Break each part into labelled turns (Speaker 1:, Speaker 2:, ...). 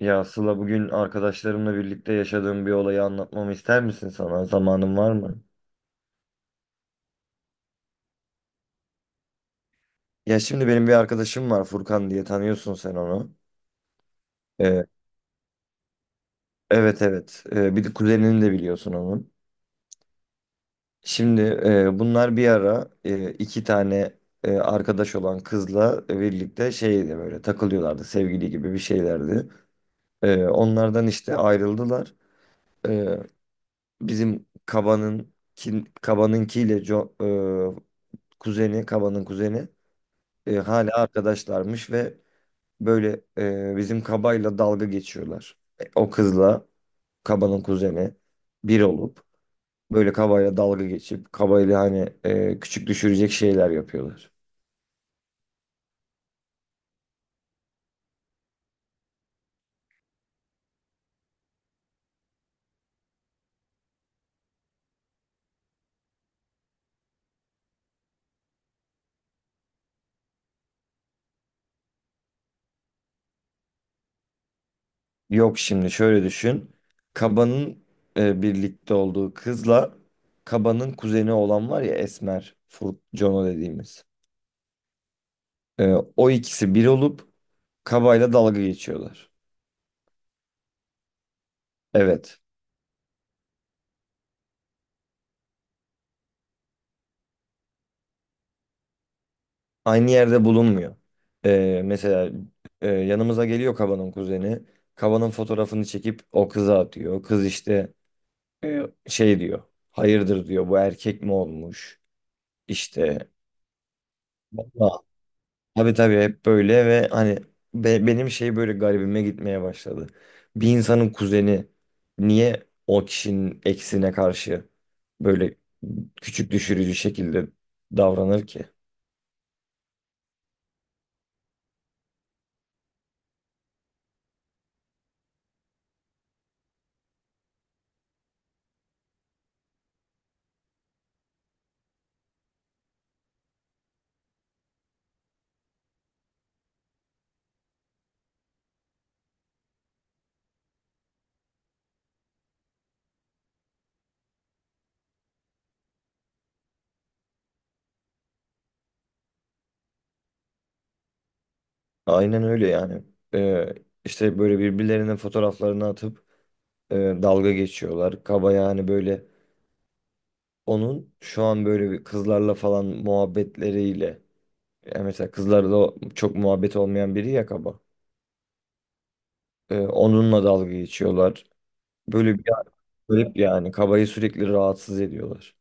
Speaker 1: Ya Sıla, bugün arkadaşlarımla birlikte yaşadığım bir olayı anlatmamı ister misin sana? Zamanın var mı? Ya şimdi benim bir arkadaşım var, Furkan diye, tanıyorsun sen onu. Ee, evet evet. Bir de kuzenini de biliyorsun onun. Şimdi bunlar bir ara iki tane arkadaş olan kızla birlikte şeydi, böyle takılıyorlardı, sevgili gibi bir şeylerdi. Onlardan işte ayrıldılar. Ee, Bizim Kaba'nınkiyle kuzeni, Kaba'nın kuzeni. Hala arkadaşlarmış ve böyle, bizim kabayla dalga geçiyorlar. E, o kızla kabanın kuzeni bir olup böyle kabayla dalga geçip kabayla hani küçük düşürecek şeyler yapıyorlar. Yok, şimdi şöyle düşün. Kabanın birlikte olduğu kızla kabanın kuzeni olan var ya, Esmer, Jono dediğimiz. E, o ikisi bir olup kabayla dalga geçiyorlar. Evet. Aynı yerde bulunmuyor. Mesela yanımıza geliyor Kaba'nın kuzeni. Kaba'nın fotoğrafını çekip o kıza atıyor. Kız işte e, şey diyor. Hayırdır diyor, bu erkek mi olmuş? İşte. Valla. Tabii tabii, hep böyle ve hani benim şey, böyle garibime gitmeye başladı. Bir insanın kuzeni niye o kişinin eksine karşı böyle küçük düşürücü şekilde davranır ki? Aynen öyle yani. Ee, işte böyle birbirlerinin fotoğraflarını atıp dalga geçiyorlar. Kaba yani böyle, onun şu an böyle bir kızlarla falan muhabbetleriyle, yani mesela kızlarla çok muhabbet olmayan biri ya kaba. Onunla dalga geçiyorlar. Böyle bir garip yani, kabayı sürekli rahatsız ediyorlar.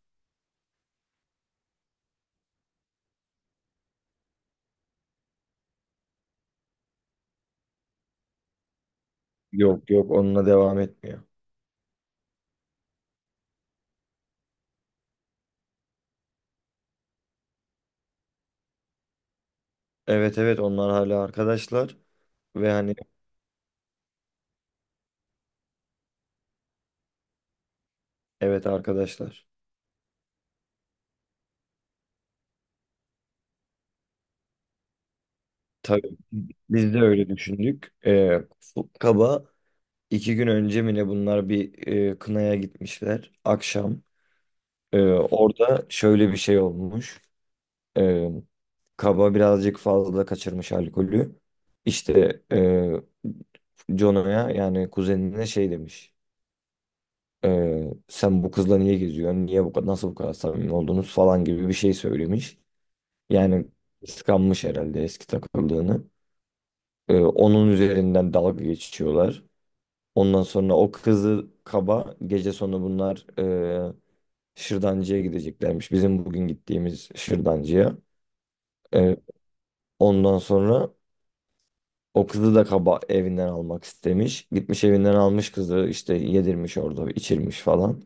Speaker 1: Yok yok, onunla devam etmiyor. Evet evet, onlar hala arkadaşlar ve hani evet, arkadaşlar. Tabii, biz de öyle düşündük. Kaba, İki gün önce mi ne, bunlar bir kınaya gitmişler. Akşam orada şöyle bir şey olmuş. E, Kaba birazcık fazla kaçırmış alkolü. İşte Jono'ya, yani kuzenine şey demiş. E, Sen bu kızla niye geziyorsun? Niye bu kadar, nasıl bu kadar samimi oldunuz falan gibi bir şey söylemiş. Yani kıskanmış herhalde eski takıldığını. E, onun üzerinden dalga geçiyorlar. Ondan sonra o kızı kaba, gece sonu bunlar şırdancıya gideceklermiş. Bizim bugün gittiğimiz şırdancıya. E, Ondan sonra o kızı da kaba evinden almak istemiş. Gitmiş, evinden almış kızı, işte yedirmiş orada, içirmiş falan.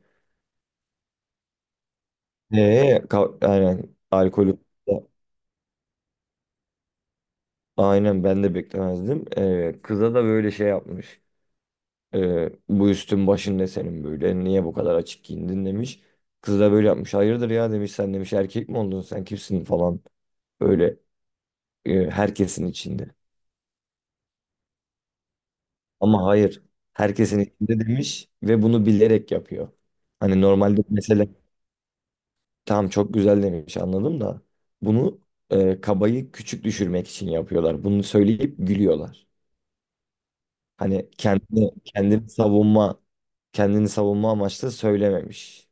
Speaker 1: Aynen alkolü, aynen ben de beklemezdim. E, kıza da böyle şey yapmış. Bu üstün başın ne senin böyle? Niye bu kadar açık giyindin demiş. Kız da böyle yapmış. Hayırdır ya demiş, sen demiş erkek mi oldun, sen kimsin falan. Böyle, herkesin içinde. Ama hayır, herkesin içinde demiş ve bunu bilerek yapıyor. Hani normalde mesela tamam, çok güzel demiş, anladım da, bunu kabayı küçük düşürmek için yapıyorlar. Bunu söyleyip gülüyorlar. Hani kendini savunma, kendini savunma amaçlı söylememiş.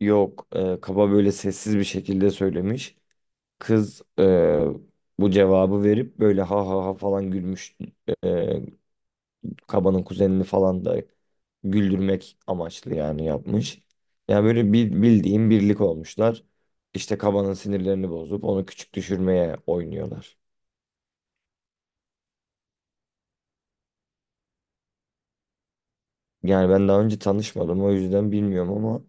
Speaker 1: Yok, kaba böyle sessiz bir şekilde söylemiş. Kız bu cevabı verip böyle ha ha ha falan gülmüş. E, kabanın kuzenini falan da güldürmek amaçlı yani yapmış. Yani böyle bildiğin birlik olmuşlar. İşte kabanın sinirlerini bozup onu küçük düşürmeye oynuyorlar. Yani ben daha önce tanışmadım, o yüzden bilmiyorum ama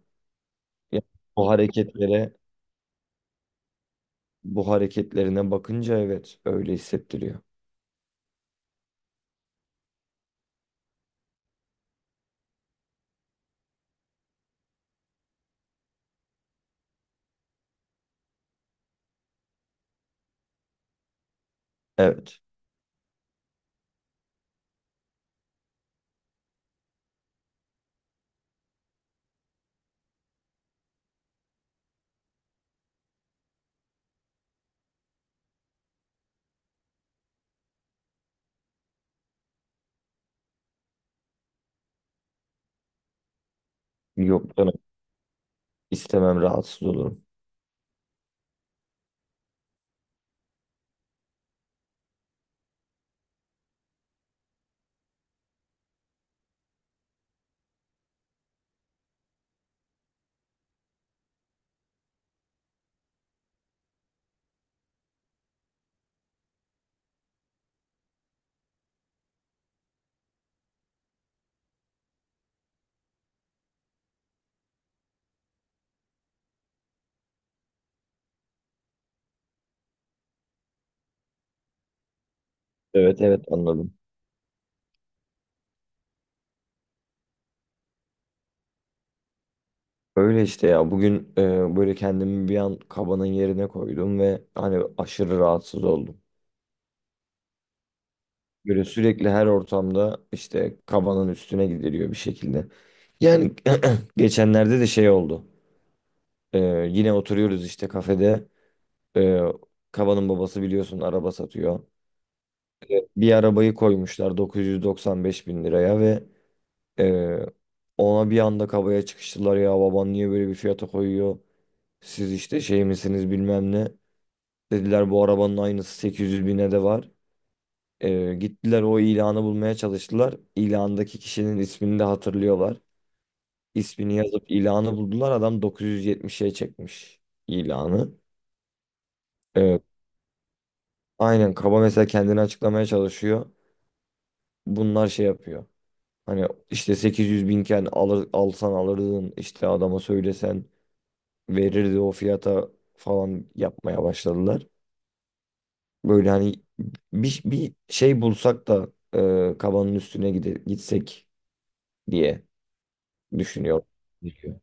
Speaker 1: ya bu hareketlere bu hareketlerine bakınca evet, öyle hissettiriyor. Evet. Yok. İstemem, rahatsız olurum. Evet evet, anladım. Öyle işte ya, bugün böyle kendimi bir an kabanın yerine koydum ve hani aşırı rahatsız oldum. Böyle sürekli her ortamda işte kabanın üstüne gidiliyor bir şekilde. Yani geçenlerde de şey oldu. E, Yine oturuyoruz işte kafede. E, Kabanın babası biliyorsun araba satıyor. E, bir arabayı koymuşlar 995 bin liraya ve e, ona bir anda kabaya çıkıştılar, ya baban niye böyle bir fiyata koyuyor? Siz işte şey misiniz, bilmem ne. Dediler bu arabanın aynısı 800 bine de var. Gittiler o ilanı bulmaya çalıştılar. İlandaki kişinin ismini de hatırlıyorlar. İsmini yazıp ilanı buldular. Adam 970'e çekmiş ilanı. Ee, aynen, kaba mesela kendini açıklamaya çalışıyor. Bunlar şey yapıyor. Hani işte 800 binken alsan alırdın, işte adama söylesen verirdi o fiyata falan yapmaya başladılar. Böyle hani bir şey bulsak da kabanın üstüne gitsek diye düşünüyorum. Gerekiyor.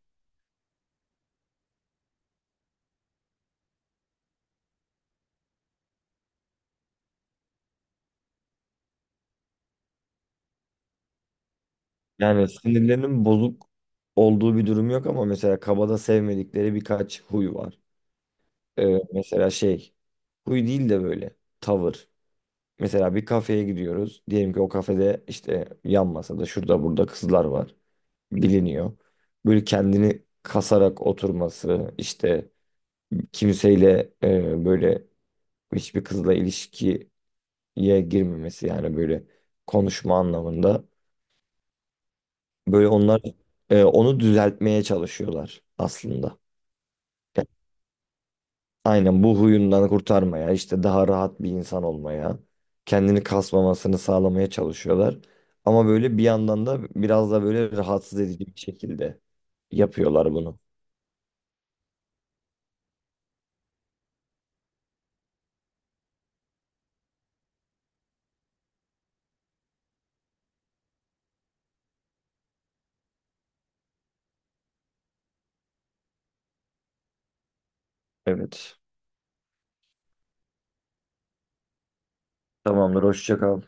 Speaker 1: Yani sinirlerinin bozuk olduğu bir durum yok ama mesela kabada sevmedikleri birkaç huy var. E, mesela şey, huy değil de böyle tavır. Mesela bir kafeye gidiyoruz. Diyelim ki o kafede işte yan masada, şurada burada kızlar var. Biliniyor. Böyle kendini kasarak oturması, işte kimseyle böyle hiçbir kızla ilişkiye girmemesi, yani böyle konuşma anlamında. Böyle onlar onu düzeltmeye çalışıyorlar aslında. Yani aynen, bu huyundan kurtarmaya, işte daha rahat bir insan olmaya, kendini kasmamasını sağlamaya çalışıyorlar. Ama böyle bir yandan da biraz da böyle rahatsız edici bir şekilde yapıyorlar bunu. Evet. Tamamdır. Hoşça kal.